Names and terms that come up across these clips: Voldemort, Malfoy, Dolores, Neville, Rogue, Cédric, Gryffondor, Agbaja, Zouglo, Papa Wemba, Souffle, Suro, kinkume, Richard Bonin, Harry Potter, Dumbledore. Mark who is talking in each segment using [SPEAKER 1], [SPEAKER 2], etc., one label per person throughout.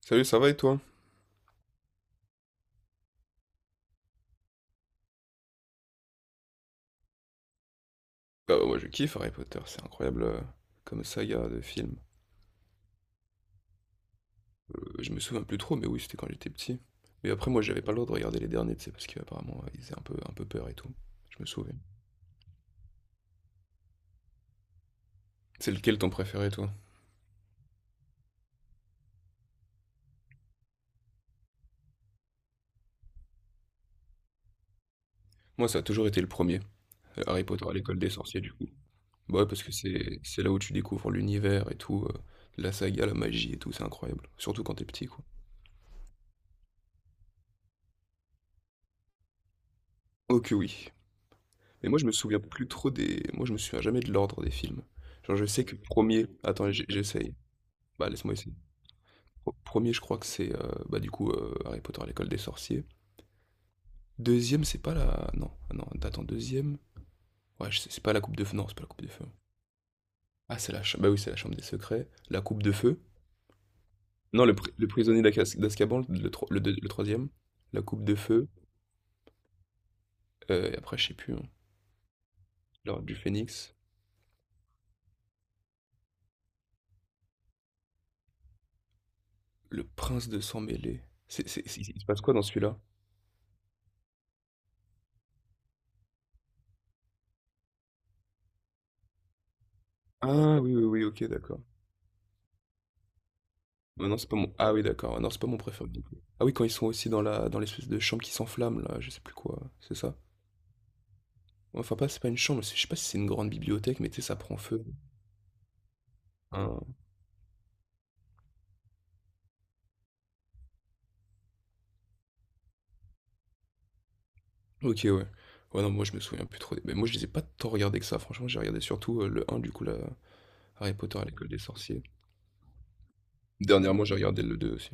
[SPEAKER 1] Salut, ça va et toi? Bah, ouais, moi je kiffe Harry Potter, c'est incroyable comme saga de film. Je me souviens plus trop, mais oui, c'était quand j'étais petit. Mais après, moi j'avais pas le droit de regarder les derniers, tu sais, parce qu'apparemment ils faisaient un peu peur et tout. Je me souviens. C'est lequel ton préféré, toi? Moi, ça a toujours été le premier, Harry Potter à l'école des sorciers, du coup. Bah ouais, parce que c'est là où tu découvres l'univers et tout, la saga, la magie et tout, c'est incroyable. Surtout quand t'es petit, quoi. Ok, oui. Mais moi, je me souviens plus trop des. Moi, je me souviens jamais de l'ordre des films. Genre, je sais que premier. Attends, j'essaye. Bah, laisse-moi essayer. Pre 1 je crois que c'est, bah, du coup, Harry Potter à l'école des sorciers. Deuxième, c'est pas la, non, ah non, attends, 2e, ouais, je sais, c'est pas la coupe de feu. Non, c'est pas la coupe de feu. Ah, c'est la cha bah, oui, c'est la chambre des secrets, la coupe de feu. Non, le prisonnier d'Azkaban, le deux, le 3, la coupe de feu, et après, je sais plus, hein, l'ordre du Phénix, le prince de sang mêlé. C'est il se passe quoi dans celui-là? Ah oui, oui, oui, OK, d'accord. Ah non, c'est pas mon. Ah oui, d'accord. Ah non, c'est pas mon préféré non plus. Ah oui, quand ils sont aussi dans la dans l'espèce de chambre qui s'enflamme, là, je sais plus quoi. C'est ça? Enfin, pas, c'est pas une chambre, je sais pas si c'est une grande bibliothèque, mais tu sais, ça prend feu. Ah. Ok, ouais. Ouais, non, moi je me souviens plus trop. Mais moi je les ai pas tant regardés que ça, franchement, j'ai regardé surtout le un du coup, Harry Potter à l'école des sorciers. Dernièrement, j'ai regardé le deux aussi.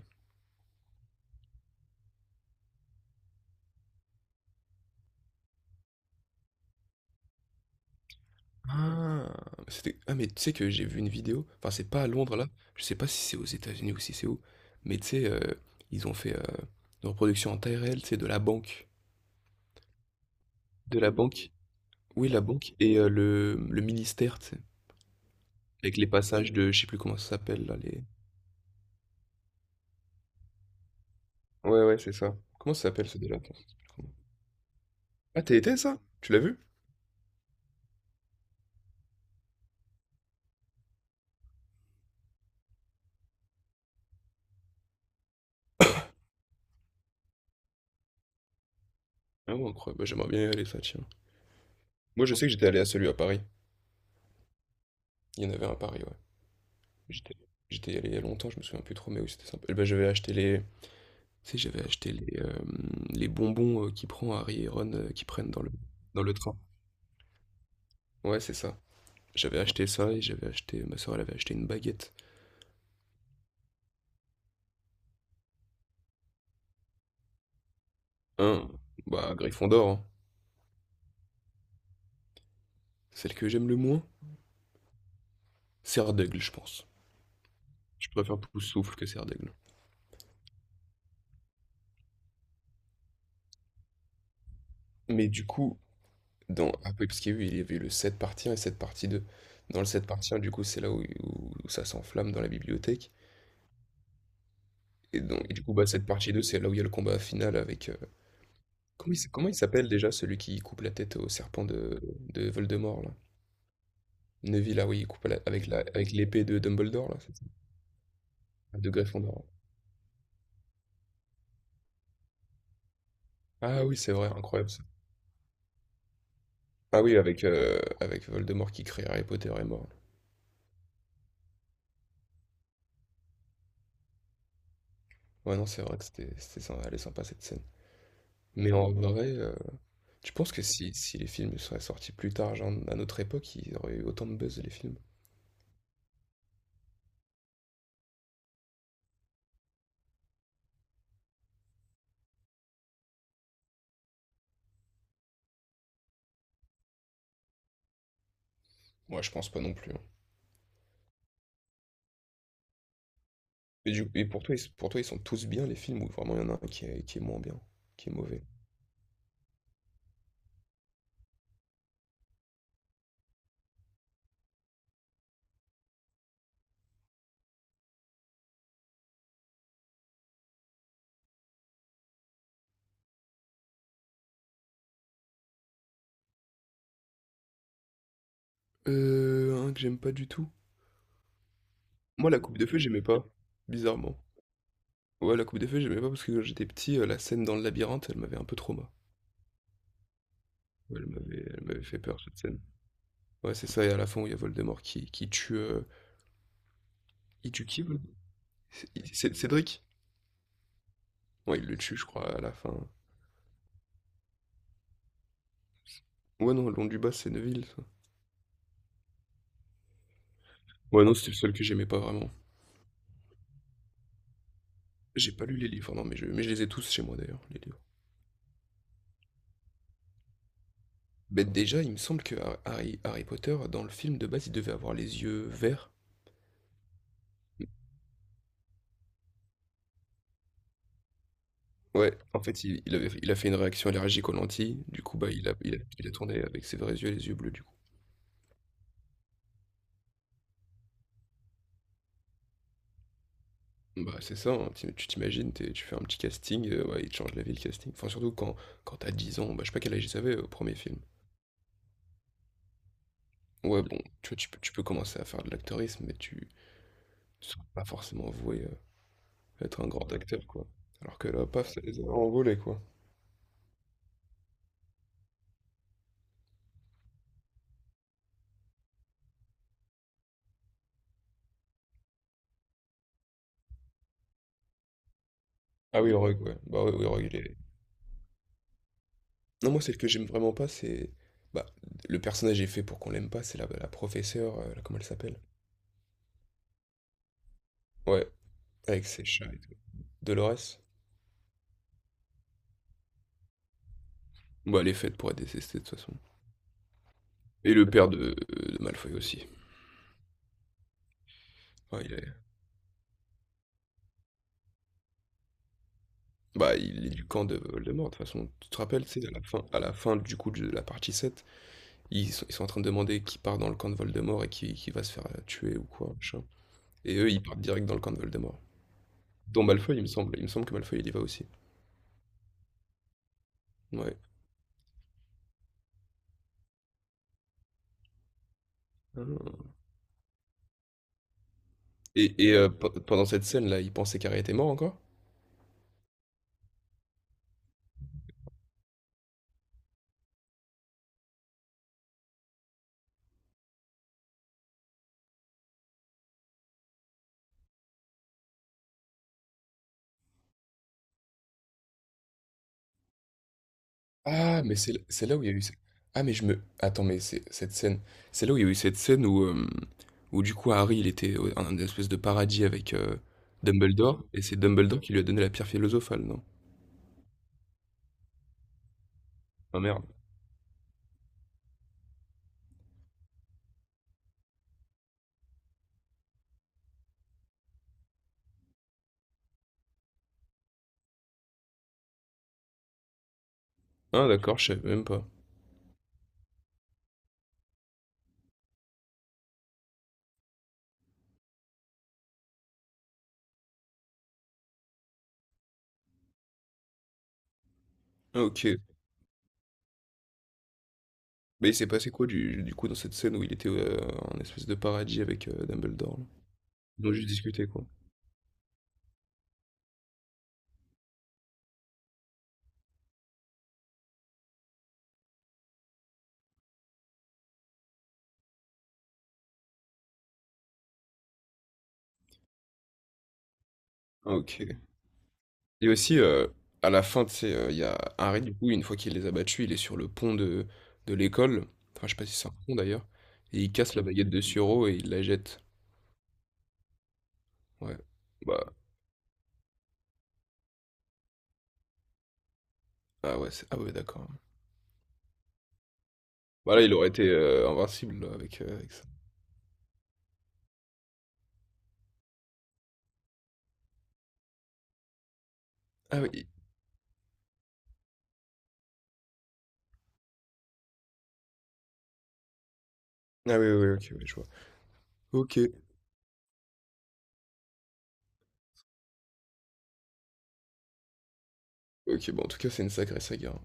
[SPEAKER 1] Ah, Ah, mais tu sais que j'ai vu une vidéo, enfin, c'est pas à Londres là, je sais pas si c'est aux États-Unis ou si c'est où, mais tu sais, ils ont fait une reproduction en taille réelle, tu sais, de la banque. De la banque? Oui, la banque et le ministère, tu sais? Avec les passages de je sais plus comment ça s'appelle là, les ouais, ouais, c'est ça. Comment ça s'appelle ce délire? Attends, je sais plus comment. Ah, tu y ça? Tu l'as vu? Ah ouais, incroyable, bah, j'aimerais bien y aller ça, tiens. Moi, je sais que j'étais allé à celui à Paris. Il y en avait un à Paris, ouais. J'étais j'étais allé il y a longtemps, je me souviens plus trop, mais oui, c'était sympa. Bah, j'avais acheté les tu sais, j'avais acheté les bonbons, qu'il prend Harry et Ron, qu'ils prennent dans le train. Ouais, c'est ça. J'avais acheté ça et j'avais acheté ma sœur, elle avait acheté une baguette. Hein, bah, Gryffondor, hein. Celle que j'aime le moins, c'est, je pense. Je préfère Souffle que c'est. Mais du coup, dans Après, parce qu'il y a eu, il y avait eu le 7 partie un et 7 partie 2. Dans le 7 partie un, du coup, c'est là où ça s'enflamme dans la bibliothèque. Et, donc, et du coup, bah, cette partie 2, c'est là où il y a le combat final avec. Comment il s'appelle déjà celui qui coupe la tête au serpent de Voldemort, là? Neville, ah oui, il coupe avec l'épée de Dumbledore, là, c'est ça? De Gryffondor. Ah oui, c'est vrai, incroyable ça. Ah oui, avec Voldemort qui crée Harry Potter est mort. Ouais, non, c'est vrai que c'était sympa, elle est sympa cette scène. Mais en vrai, tu penses que si les films seraient sortis plus tard, genre à notre époque, ils auraient eu autant de buzz les films? Ouais, je pense pas non plus, hein. Et pour toi, ils sont tous bien les films ou vraiment il y en a un qui est moins bien, qui est mauvais? Un que j'aime pas du tout. Moi, la Coupe de Feu, j'aimais pas, bizarrement. Ouais, la Coupe de Feu, j'aimais pas parce que quand j'étais petit, la scène dans le labyrinthe, elle m'avait un peu trauma. Ouais, elle m'avait fait peur cette scène. Ouais, c'est ça, et à la fin où il y a Voldemort qui tue. Il tue qui, Voldemort? C'est c'est Cédric? Ouais, il le tue, je crois, à la fin. Ouais, non, Long du Bas, c'est Neville, ça. Ouais, non, c'était le seul que j'aimais pas vraiment. J'ai pas lu les livres, non, mais je les ai tous chez moi, d'ailleurs, les livres. Mais déjà, il me semble que Harry Potter, dans le film de base, il devait avoir les yeux verts. Ouais, en fait, il a fait une réaction allergique aux lentilles. Du coup, bah, il a tourné avec ses vrais yeux, les yeux bleus, du coup. Bah, c'est ça, hein, tu t'imagines, tu fais un petit casting, ouais, il te change la vie, le casting. Enfin, surtout quand t'as 10 ans, bah, je sais pas quel âge ils avaient au premier film. Ouais, bon, tu vois, tu peux commencer à faire de l'acteurisme, mais tu, ne sont pas forcément voués à être un grand acteur, quoi. Alors que là, paf, ça les a envolés, quoi. Ah oui, le Rogue, ouais. Bah oui, oui, Rogue, il est. Non, moi, celle que j'aime vraiment pas, c'est. Bah, le personnage est fait pour qu'on l'aime pas, c'est la professeure, comment elle s'appelle? Ouais, avec ses chats et tout. Dolores? Bah, elle est faite pour être détestée, de toute façon. Et le père de Malfoy aussi. Ouais, il est. Bah, il est du camp de Voldemort, de toute façon. Tu te rappelles, tu sais, à la fin, du coup, de la partie sept, ils sont en train de demander qui part dans le camp de Voldemort et qui va se faire tuer ou quoi, machin. Et eux, ils partent direct dans le camp de Voldemort. Dont Malfoy, il me semble. Il me semble que Malfoy, il y va aussi. Ouais. Ah. Pendant cette scène-là, il pensait qu'Harry était mort encore? Ah, mais c'est là où il y a eu. Ah, mais Attends, mais c'est cette scène. C'est là où il y a eu cette scène où du coup, Harry, il était dans une espèce de paradis avec Dumbledore, et c'est Dumbledore qui lui a donné la pierre philosophale, non? Ah, merde. Ah, d'accord, je savais même pas. Ah, ok. Mais il s'est passé quoi, du coup, dans cette scène où il était en espèce de paradis avec Dumbledore, là. Ils ont juste discuté, quoi. OK. Et aussi, à la fin, tu sais, il y a Harry, du coup, une fois qu'il les a battus, il est sur le pont de l'école. Enfin, je sais pas si c'est un pont d'ailleurs, et il casse la baguette de Suro et il la jette. Ouais. Bah, ah ouais, c'est ah ouais, d'accord. Bah, là, il aurait été, invincible, là, avec ça. Ah oui. Ah oui, oui, oui, OK, oui je vois. OK. OK, bon, en tout cas, c'est une sacrée saga, hein.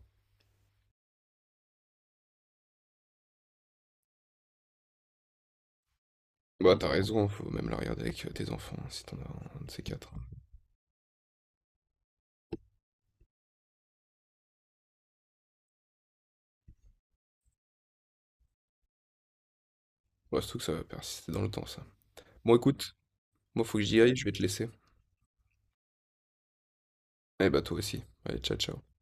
[SPEAKER 1] Bah, t'as raison, hein, faut même la regarder avec, tes enfants, hein, si t'en as un de ces quatre, hein. Bah, surtout que ça va persister dans le temps, ça. Bon, écoute, moi, faut que j'y aille, je vais te laisser. Eh bah, toi aussi. Allez, ciao, ciao.